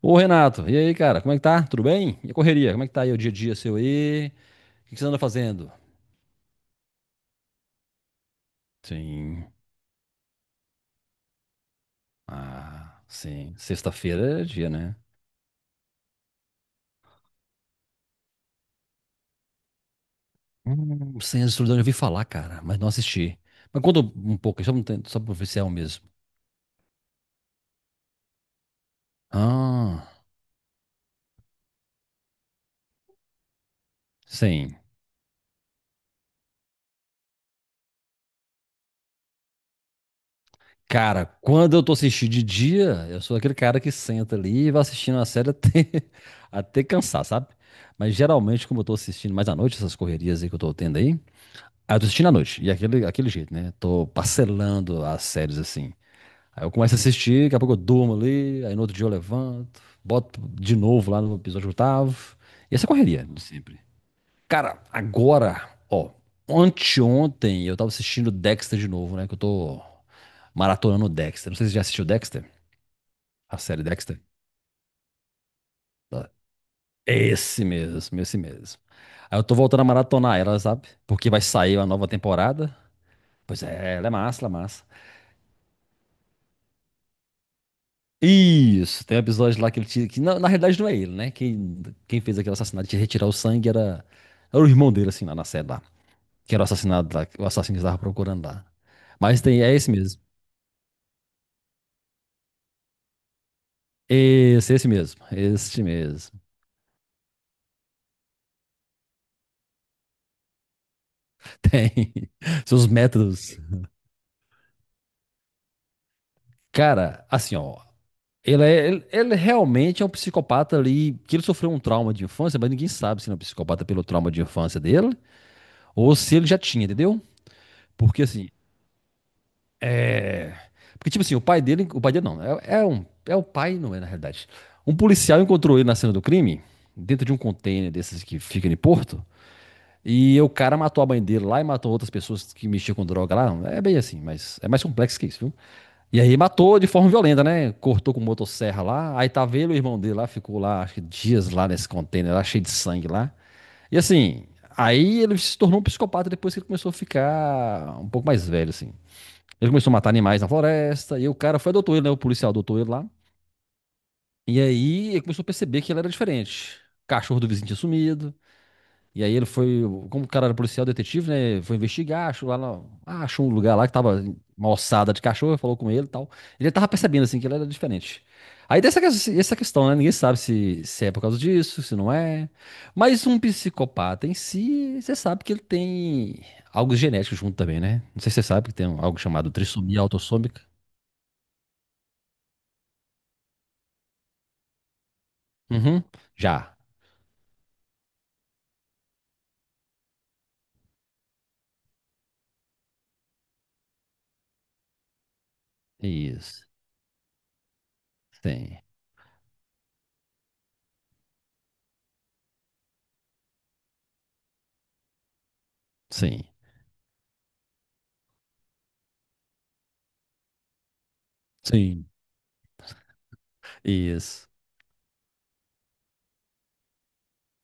Ô Renato, e aí, cara, como é que tá? Tudo bem? E a correria? Como é que tá aí o dia a dia seu aí? O que que você anda fazendo? Sim. Ah, sim. Sexta-feira é dia, né? Senhor de Solidão, eu ouvi falar, cara, mas não assisti. Mas conta um pouco, só, um tanto, só pro oficial mesmo. Ah, sim. Cara, quando eu tô assistindo de dia, eu sou aquele cara que senta ali e vai assistindo a série até, até cansar, sabe? Mas geralmente, como eu tô assistindo mais à noite, essas correrias aí que eu tô tendo aí. Aí eu tô assistindo à noite, e aquele jeito, né? Tô parcelando as séries assim. Aí eu começo a assistir, daqui a pouco eu durmo ali, aí no outro dia eu levanto, boto de novo lá no episódio oitavo. E essa é correria de sempre. Cara, agora, ó, anteontem eu tava assistindo Dexter de novo, né? Que eu tô maratonando Dexter. Não sei se você já assistiu Dexter, a série Dexter. Tá. Esse mesmo, esse mesmo. Aí eu tô voltando a maratonar ela, sabe? Porque vai sair uma nova temporada. Pois é, ela é massa, ela é massa. Isso, tem um episódio lá que ele tira, que na realidade não é ele, né? Quem fez aquele assassinato de retirar o sangue era o irmão dele, assim, lá na série lá. Que era o assassinado lá, o assassino que estava procurando lá. Mas tem, é esse mesmo. Esse mesmo. Este mesmo. Tem seus métodos. Cara, assim, ó. Ele realmente é um psicopata ali, que ele sofreu um trauma de infância, mas ninguém sabe se ele é um psicopata pelo trauma de infância dele ou se ele já tinha, entendeu? Porque assim, é. Porque, tipo assim, o pai dele. O pai dele não. É o pai, não é, na realidade. Um policial encontrou ele na cena do crime, dentro de um container desses que fica em Porto. E o cara matou a mãe dele lá e matou outras pessoas que mexiam com droga lá. É bem assim, mas é mais complexo que isso, viu? E aí matou de forma violenta, né? Cortou com motosserra lá. Aí tava ele o irmão dele lá, ficou lá, acho que dias lá nesse container lá, cheio de sangue lá. E assim, aí ele se tornou um psicopata depois que ele começou a ficar um pouco mais velho, assim. Ele começou a matar animais na floresta, e o cara foi adotou ele, né? O policial adotou ele lá. E aí ele começou a perceber que ele era diferente. O cachorro do vizinho tinha sumido. E aí ele foi, como o cara era policial detetive, né? Foi investigar, achou lá, achou um lugar lá que tava uma ossada de cachorro, falou com ele e tal. Ele tava percebendo assim que ele era diferente. Aí tem essa questão, né? Ninguém sabe se é por causa disso, se não é. Mas um psicopata em si, você sabe que ele tem algo genético junto também, né? Não sei se você sabe que tem algo chamado trissomia autossômica. Uhum. Já. Isso. Sim. Sim. Sim. Isso.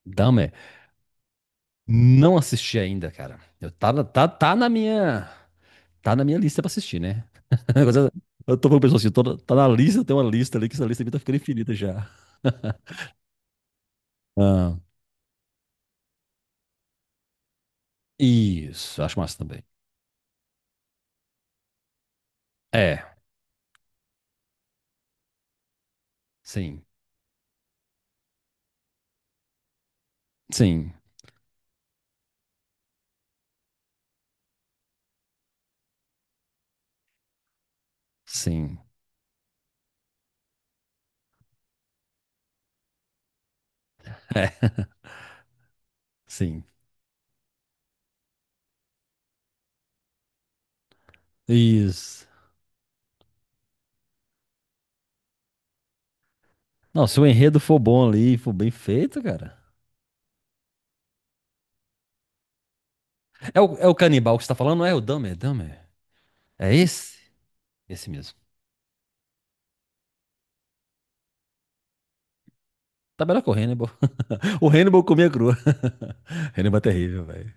Dahmer. Não assisti ainda, cara. Eu, tá, na- tá, tá na minha. Tá na minha lista pra assistir, né? Agora, eu tô falando pra pessoa assim, tá na lista, tem uma lista ali, que essa lista aqui tá ficando infinita já. Ah, isso, acho massa também. É, sim, sim, sim, é, sim. Isso. Não, se o enredo for bom ali, for bem feito, cara. É o canibal que você tá falando, não é? O Dahmer, Dahmer. É esse? Esse mesmo. Tá melhor que o Hannibal. O Hannibal comia crua. Hannibal é terrível, velho.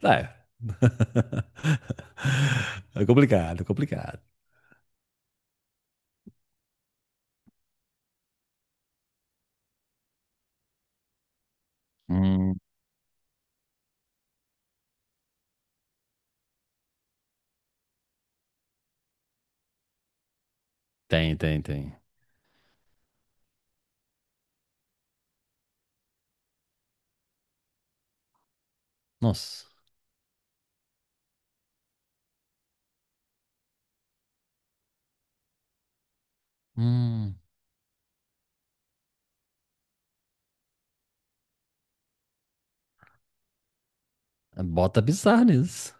Tá, é É complicado, é complicado. Hum, tem, tem, tem. Nossa. Hum, bota bizarro nisso.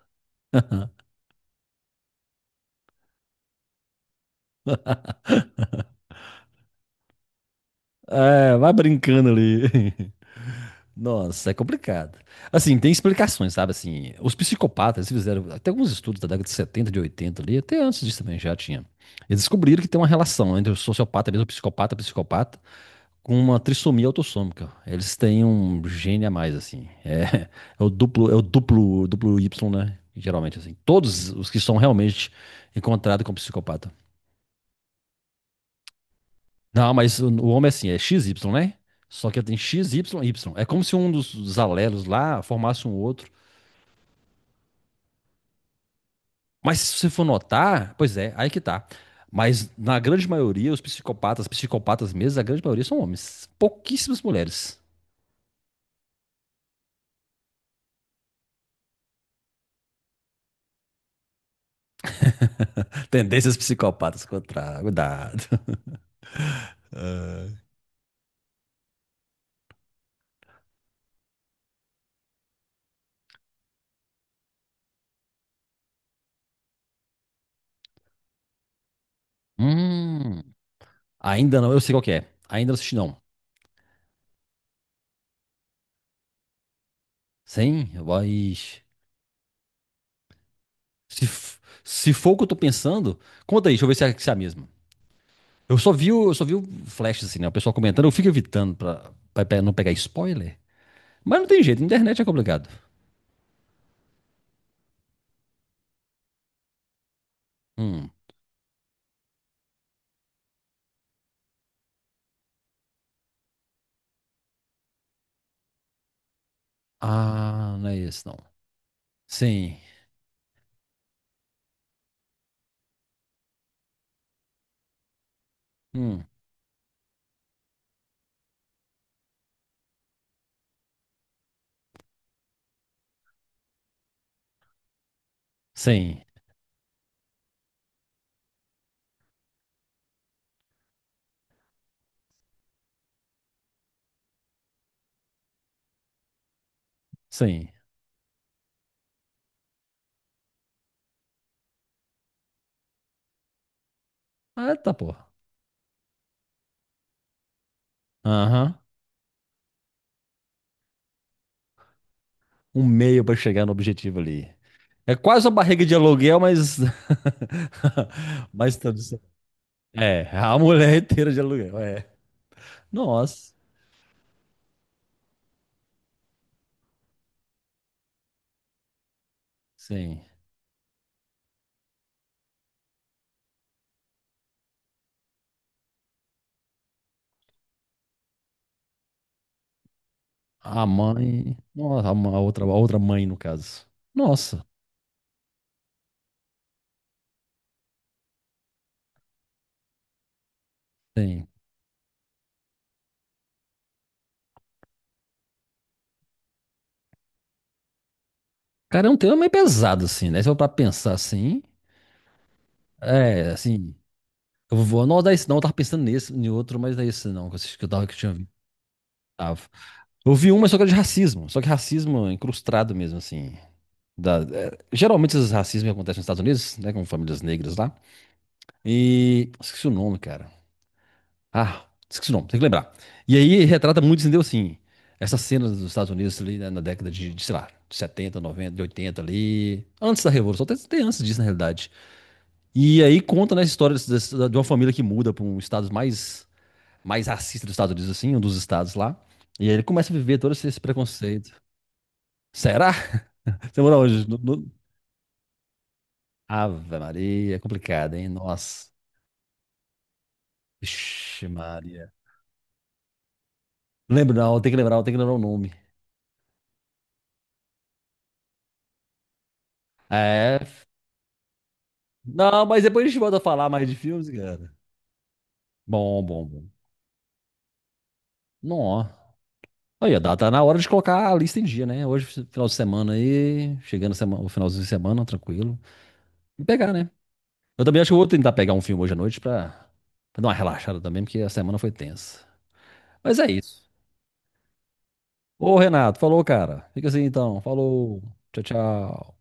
É, vai brincando ali. Nossa, é complicado. Assim, tem explicações, sabe? Assim, os psicopatas eles fizeram até alguns estudos da década de 70 de 80 ali, até antes disso também já tinha. Eles descobriram que tem uma relação entre o sociopata mesmo, o psicopata, com uma trissomia autossômica. Eles têm um gene a mais, assim. Duplo Y, né? Geralmente, assim. Todos os que são realmente encontrados com psicopata. Não, mas o homem é assim, é X Y né? Só que ele tem X Y Y. É como se um dos alelos lá formasse um outro. Mas se você for notar, pois é, aí que tá. Mas na grande maioria, os psicopatas, psicopatas mesmo, a grande maioria são homens. Pouquíssimas mulheres. Tendências psicopatas contra. Cuidado. Hum. Ainda não, eu sei qual que é. Ainda não assisti, não. Sim, vai. Se, f- se for o que eu tô pensando, conta aí, deixa eu ver se é, a mesma. Eu só vi o flash, assim, né? O pessoal comentando, eu fico evitando pra não pegar spoiler. Mas não tem jeito, internet é complicado. Hum. Ah, não é esse, não. Sim. Hum. Sim. Sim. Ah, tá, pô. Aham. Um meio pra chegar no objetivo ali. É quase uma barriga de aluguel, mas. mas tá É, a mulher inteira de aluguel, é. Nossa, sim. A mãe. Nossa, a outra mãe, no caso. Nossa, sim. Cara, é um tema meio pesado, assim, né? Se eu pra pensar assim. É, assim. Eu vou anotar esse não, eu tava pensando nesse, em outro, mas não é esse não, que eu tinha visto. Tava. Eu vi um, mas só que era de racismo. Só que racismo incrustado mesmo, assim. Geralmente esses racismos acontecem nos Estados Unidos, né? Com famílias negras lá. Esqueci o nome, cara. Ah, esqueci o nome, tem que lembrar. E aí retrata muito, entendeu? Assim, essas cenas dos Estados Unidos ali né, na década de, sei lá, de 70, 90, de 80 ali, antes da Revolução, até antes disso na realidade. E aí conta né, a história de uma família que muda para um estado mais racista dos Estados Unidos, assim, um dos estados lá. E aí ele começa a viver todo esse preconceito. Será? Você mora onde? No. Ave Maria, é complicado, hein? Nossa. Ixi, Maria. Lembro não, tem que lembrar o nome. É, não, mas depois a gente volta a falar mais de filmes, cara. Bom, bom, bom. Não, aí, dá, tá na hora de colocar a lista em dia, né? Hoje, final de semana aí, chegando o finalzinho de semana, tranquilo. E pegar, né? Eu também acho que eu vou tentar pegar um filme hoje à noite pra dar uma relaxada também, porque a semana foi tensa. Mas é isso. Ô, Renato, falou, cara. Fica assim então. Falou. Tchau, tchau.